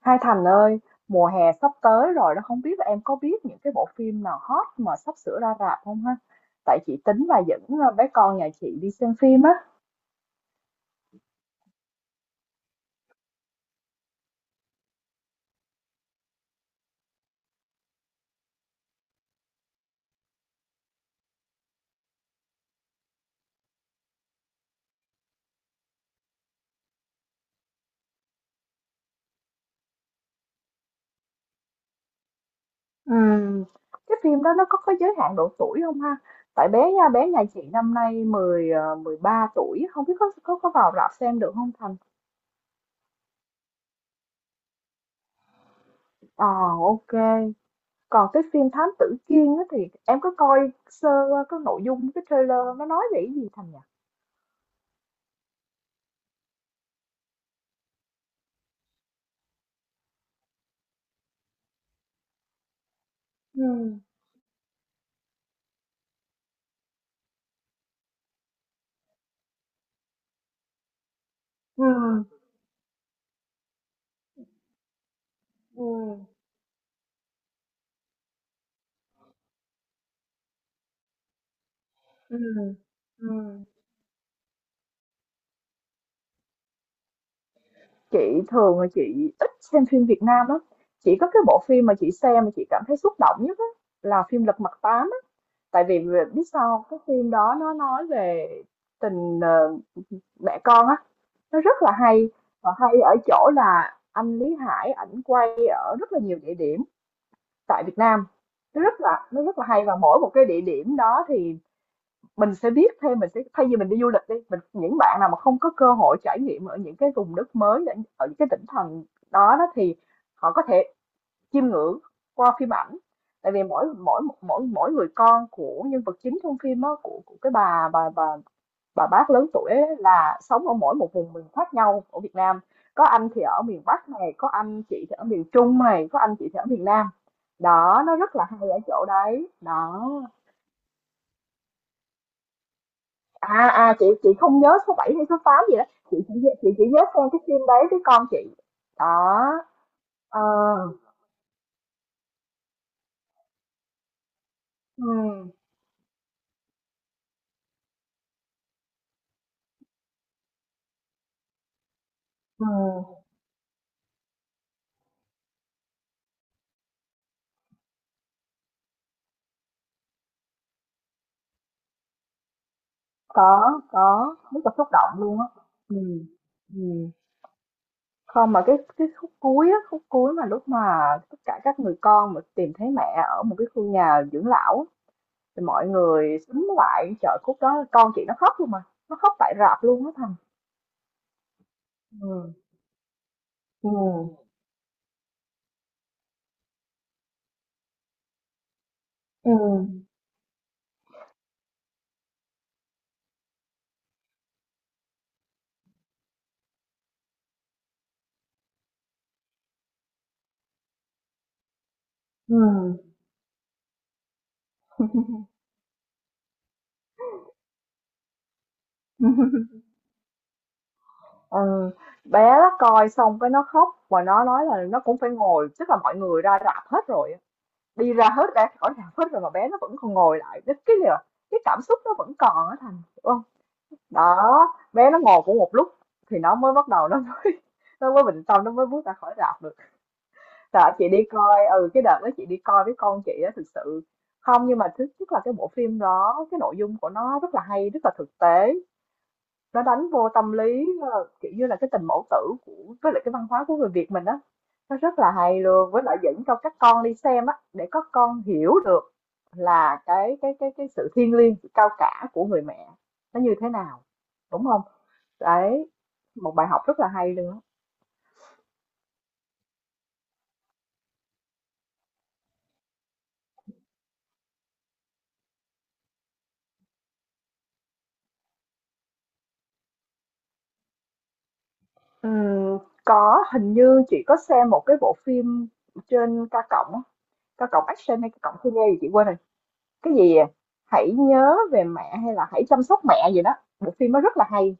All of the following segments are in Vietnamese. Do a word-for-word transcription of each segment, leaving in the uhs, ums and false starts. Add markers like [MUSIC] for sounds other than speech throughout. Hai Thành ơi, mùa hè sắp tới rồi đó, không biết là em có biết những cái bộ phim nào hot mà sắp sửa ra rạp không ha? Tại chị tính là dẫn ờ, bé con nhà chị đi xem phim á. Ừm, cái phim đó nó có có giới hạn độ tuổi không ha? Tại bé nha, bé nhà chị năm nay mười ờ, mười ba tuổi, không biết có có có vào rạp xem được không Thành? Ờ, ok. Còn cái phim Thám Tử Kiên á thì em có coi sơ qua cái nội dung cái trailer nó nói về cái gì Thành nhỉ? Ừ, ừ, ừ, ừ, ừ. Chị thường là chị ít xem phim Việt Nam lắm. Chỉ có cái bộ phim mà chị xem mà chị cảm thấy xúc động nhất á, là phim Lật Mặt Tám á. Tại vì vì- biết sao không? Cái phim đó nó nói về tình ờ, mẹ con á, nó rất là hay và hay ở chỗ là anh Lý Hải ảnh quay ở rất là nhiều địa điểm tại Việt Nam. Nó rất là nó rất là hay và mỗi một cái địa điểm đó thì mình sẽ biết thêm mình sẽ thay vì mình đi du lịch đi mình những bạn nào mà không có cơ hội trải nghiệm ở những cái vùng đất mới ở ở những cái tỉnh thành đó đó thì họ có thể chiêm ngưỡng qua phim ảnh tại vì mỗi mỗi mỗi mỗi người con của nhân vật chính trong phim á của, của cái bà bà bà bà bác lớn tuổi ấy, là sống ở mỗi một vùng miền khác nhau ở Việt Nam. Có anh thì ở miền Bắc này, có anh chị thì ở miền Trung này, có anh chị thì ở miền Nam. Đó, nó rất là hay ở chỗ đấy đó. À à chị chị không nhớ số bảy hay số tám gì đó. Chị chỉ chị chỉ nhớ xem cái phim đấy với con chị. Đó, ờ, ừ, ừ, có có rất là xúc động luôn á. Ừ, ừ. Không mà cái cái khúc cuối á, khúc cuối mà lúc mà tất cả các người con mà tìm thấy mẹ ở một cái khu nhà dưỡng lão á, thì mọi người xúm lại chợ khúc đó, con chị nó khóc luôn mà, nó khóc tại rạp luôn á Thành. Ừ, ừ, ừ, ừ. Ừ. Ừ, bé nó coi xong cái nó khóc và nó nói là nó cũng phải ngồi, tức là mọi người ra rạp hết rồi á. Đi ra hết, ra khỏi rạp hết rồi mà bé nó vẫn còn ngồi lại, cái cái là cái cảm xúc nó vẫn còn á, Thành hiểu không? Đó, bé nó ngồi cũng một lúc thì nó mới bắt đầu nó mới [LAUGHS] nó mới bình tâm, nó mới bước ra khỏi rạp được. Tại chị đi coi, ừ, cái đợt đó chị đi coi với con chị á, thực sự không, nhưng mà thứ nhất là cái bộ phim đó cái nội dung của nó rất là hay, rất là thực tế, nó đánh vô tâm lý, ờ, kiểu như là, cái tình mẫu tử của, với lại cái văn hóa của người Việt mình á, nó rất là hay luôn, với lại dẫn cho các con đi xem á, để các con hiểu được là cái cái cái cái sự thiêng liêng, sự cao cả của người mẹ nó như thế nào, đúng không? Đấy, một bài học rất là hay luôn á. Ừm, có, hình như chị có xem một cái bộ phim trên K cộng á, K cộng Action hay K cộng Cine gì chị quên rồi, cái gì, à, "Hãy nhớ về mẹ" hay là "Hãy chăm sóc mẹ" gì đó, bộ phim nó rất là hay.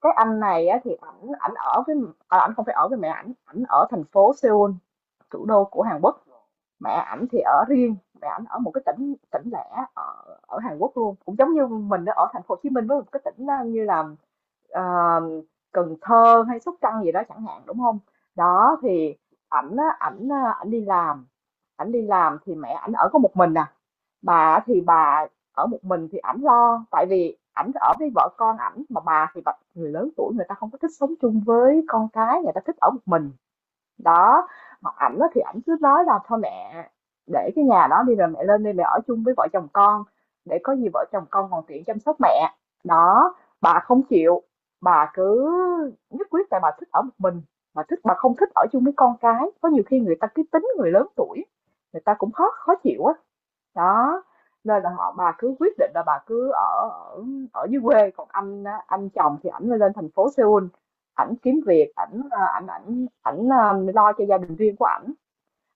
Cái anh này á, thì ảnh ảnh ở với, à, ảnh không phải ở với mẹ, ảnh ảnh ở thành phố Seoul, thủ đô của Hàn Quốc. Mẹ ảnh thì ở riêng, mẹ ảnh ở một cái tỉnh tỉnh lẻ ở, ở Hàn Quốc luôn, cũng giống như mình ở thành phố Hồ Chí Minh với một cái tỉnh đó như là ờ, Cần Thơ hay Sóc Trăng gì đó chẳng hạn, đúng không? Đó thì ảnh á, ảnh, à, ảnh đi làm, ảnh đi làm thì mẹ ảnh ở có một mình nè. Bà thì bà ở một mình thì ảnh lo, tại vì ảnh ở với vợ con ảnh mà bà thì bà, người lớn tuổi người ta không có thích sống chung với con cái, người ta thích ở một mình. Đó, mà ảnh á thì ảnh cứ nói là thôi mẹ để cái nhà đó đi rồi mẹ lên đây mẹ ở chung với vợ chồng con, để có gì vợ chồng con còn tiện chăm sóc mẹ. Đó, bà không chịu, bà cứ nhất quyết, tại bà thích ở một mình, bà thích, bà không thích ở chung với con cái, có nhiều khi người ta cái tính người lớn tuổi người ta cũng khó khó chịu á. Đó, nên là họ, bà cứ quyết định là bà cứ ở ở ở dưới quê, còn anh á, anh chồng thì ảnh lên thành phố Seoul, ảnh kiếm việc ảnh, ờ, ảnh ảnh ảnh ờ, lo cho gia đình riêng của ảnh.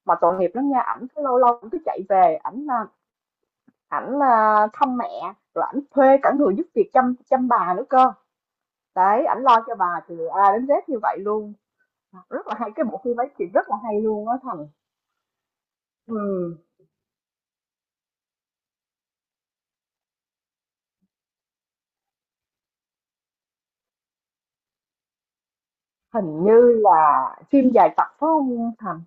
Mà tội nghiệp lắm nha, ảnh cứ lâu lâu ảnh cứ chạy về ảnh, ờ, ảnh, ờ, thăm mẹ, rồi ảnh thuê cả người giúp việc chăm chăm bà nữa cơ. Đấy, ảnh lo cho bà từ A đến Z như vậy luôn. Rất là hay cái bộ phim ấy, thì rất là hay luôn á Thành. Ừ, hình như là phim dài tập phải không Thành?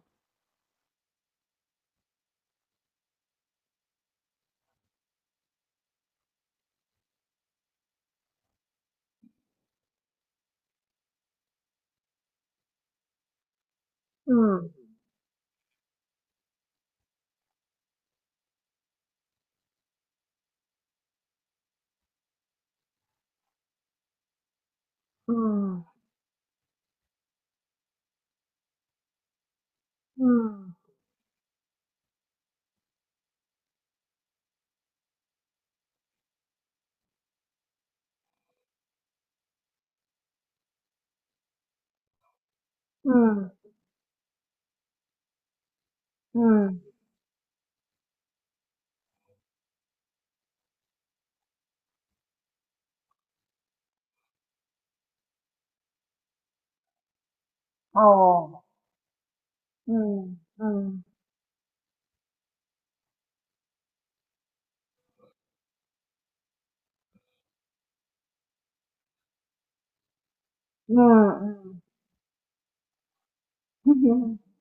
Ừ, ừ, ừ, ừ, ồ, ừ, ừ, ừ, ừ, [LAUGHS]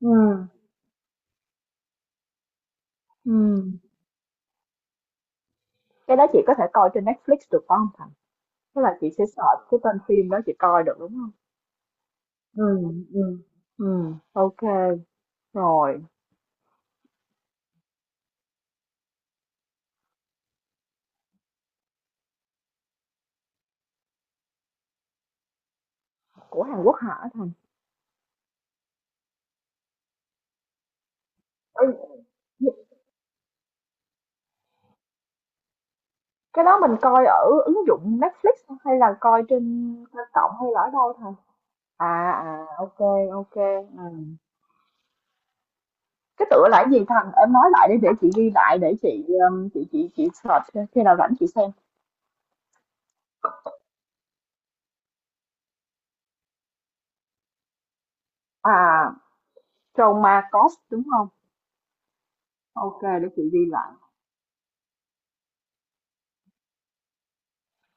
ừ, ừ. Cái đó chị có thể coi trên Netflix được phải không Thành? Tức là chị sẽ search cái tên phim đó chị coi được, đúng không? Ừ, ừ, ừ, ok, rồi. Của Hàn Quốc hả Thành? Ừ, cái đó mình coi ở ứng dụng Netflix hay là coi trên trên cộng hay là ở đâu Thành? À, à, ok, ok. Ừ. Cái tựa là cái gì Thành? Em nói lại để để chị ghi lại để chị, um, chị chị chị search khi nào rảnh chị xem. À, Trauma Cost đúng không? Ok để chị ghi lại.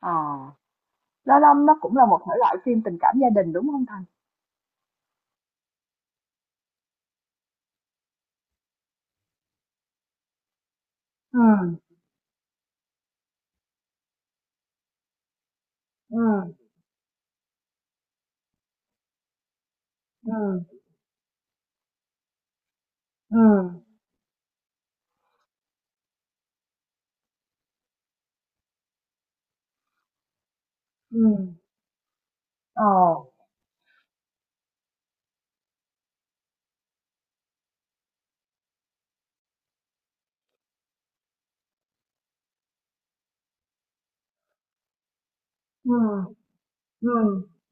À, Lá Lâm nó cũng là một thể loại phim tình cảm gia đình đúng không Thành? Ừ, ừ, ừ, ừ, ừ, ờ, ừ, ừ,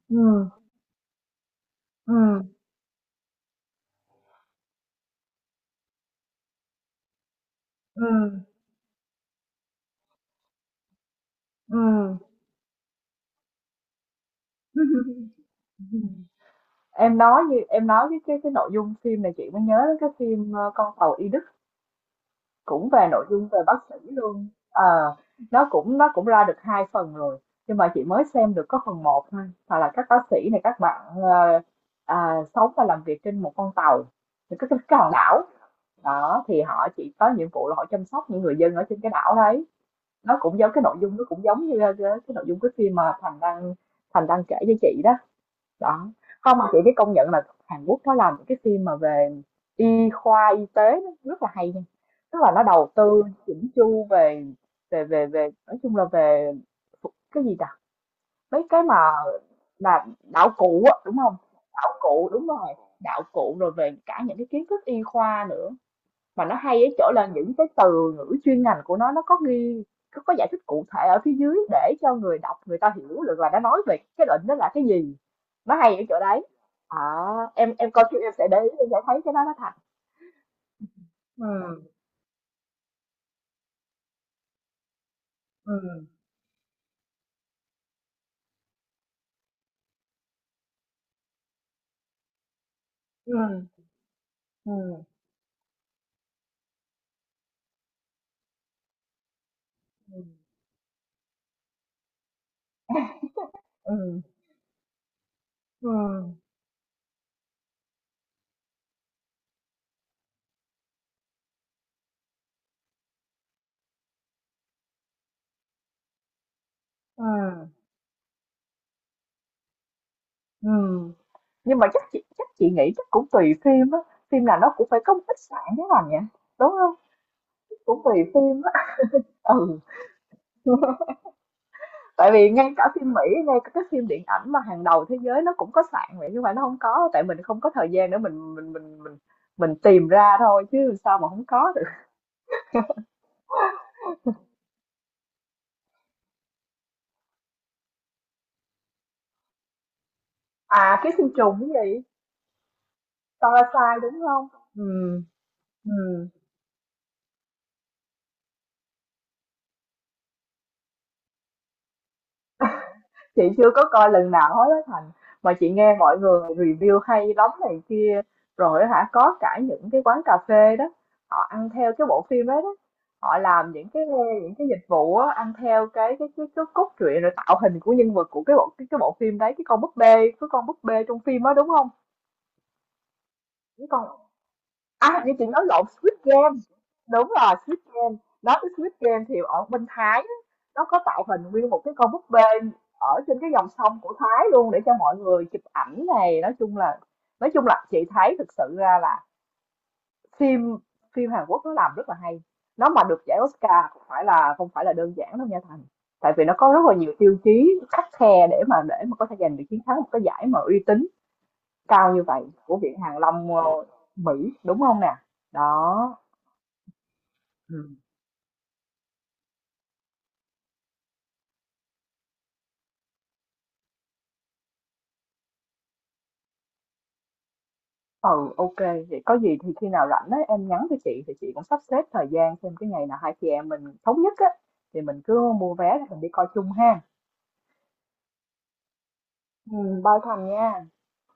ừ, ừ, ừ, ừ. Em nói, như em nói cái cái cái nội dung phim này chị mới nhớ đến cái phim ờ, Con tàu y. Cũng về nội dung về bác sĩ luôn. Ờ, nó cũng nó cũng ra được hai phần rồi, nhưng mà chị mới xem được có phần một thôi, hoặc là các bác sĩ này các bạn, ờ, à, sống và làm việc trên một con tàu, những cái cái cái hòn đảo đó thì họ chỉ có nhiệm vụ là họ chăm sóc những người dân ở trên cái đảo đấy. Nó cũng giống cái nội dung, nó cũng giống như cái, cái nội dung cái phim mà Thành đang Thành đang kể với chị đó. Đó, không mà chị phải công nhận là Hàn Quốc nó làm những cái phim mà về y khoa, y tế, nó rất là hay nha. Tức là nó đầu tư chỉnh chu về về về về nói chung là về phụ- cái gì ta? Mấy cái mà là đạo cụ á, đúng không? Đạo cụ, đúng rồi, đạo cụ, rồi về cả những cái kiến thức y khoa nữa, mà nó hay ở chỗ là những cái từ ngữ chuyên ngành của nó nó có ghi, có có giải thích cụ thể ở phía dưới để cho người đọc người ta hiểu được là nó nói về cái định đó là cái gì, nó hay ở chỗ đấy. À, em em coi phim em sẽ để ý, em sẽ thấy cái đó nó thật. Ừ, ừ, ừ, ừ, ừ, ừ, ừ, ừ, ừ. Nhưng mà chắc chị chắc chị nghĩ chắc cũng tùy phim á, phim nào nó cũng phải có một ít sạn cái nào nhỉ, đúng không? Cũng tùy phim á. Ừ, [LAUGHS] tại vì ngay cả phim Mỹ, ngay cả các phim điện ảnh mà hàng đầu thế giới nó cũng có sạn vậy, nhưng mà nó không có, tại mình không có thời gian để mình mình mình mình mình tìm ra thôi, chứ sao mà không có được. À, ký sinh trùng cái gì. Parasite đúng không? Ừ, ừ. Chị chưa có coi lần nào hết á Thành, mà chị nghe mọi người review hay lắm này kia, rồi hả, có cả những cái quán cà phê đó, họ ăn theo cái bộ phim ấy đó. Họ làm những cái, những cái dịch vụ á, ăn theo cái cái cái cái cốt truyện rồi tạo hình của nhân vật của cái bộ cái, cái bộ phim đấy, cái con búp bê, cái con búp bê trong phim á đúng không? Cái con, à, như chị nói lộn Squid Game. Đúng rồi, Squid Game. Nói tới Squid Game thì ở bên Thái á, nó có tạo hình nguyên một cái con búp bê ở trên cái dòng sông của Thái luôn, để cho mọi người chụp ảnh này, nói chung là, nói chung là chị thấy thực sự ra là phim, phim Hàn Quốc nó làm rất là hay. Nó mà được giải Oscar không phải là, không phải là đơn giản đâu nha Thành. Tại vì nó có rất là nhiều tiêu chí khắt khe để mà để mà có thể giành được chiến thắng một cái giải mà uy tín cao như vậy của Viện Hàn Lâm, ờ, Mỹ, đúng không nè? Đó. Ừ. Ừ, ok. Vậy có gì thì khi nào rảnh ấy, em nhắn cho chị thì chị cũng sắp xếp thời gian xem cái ngày nào hai chị em mình thống nhất á, thì mình cứ mua vé rồi mình đi coi chung ha. Ừ, bao thành nha.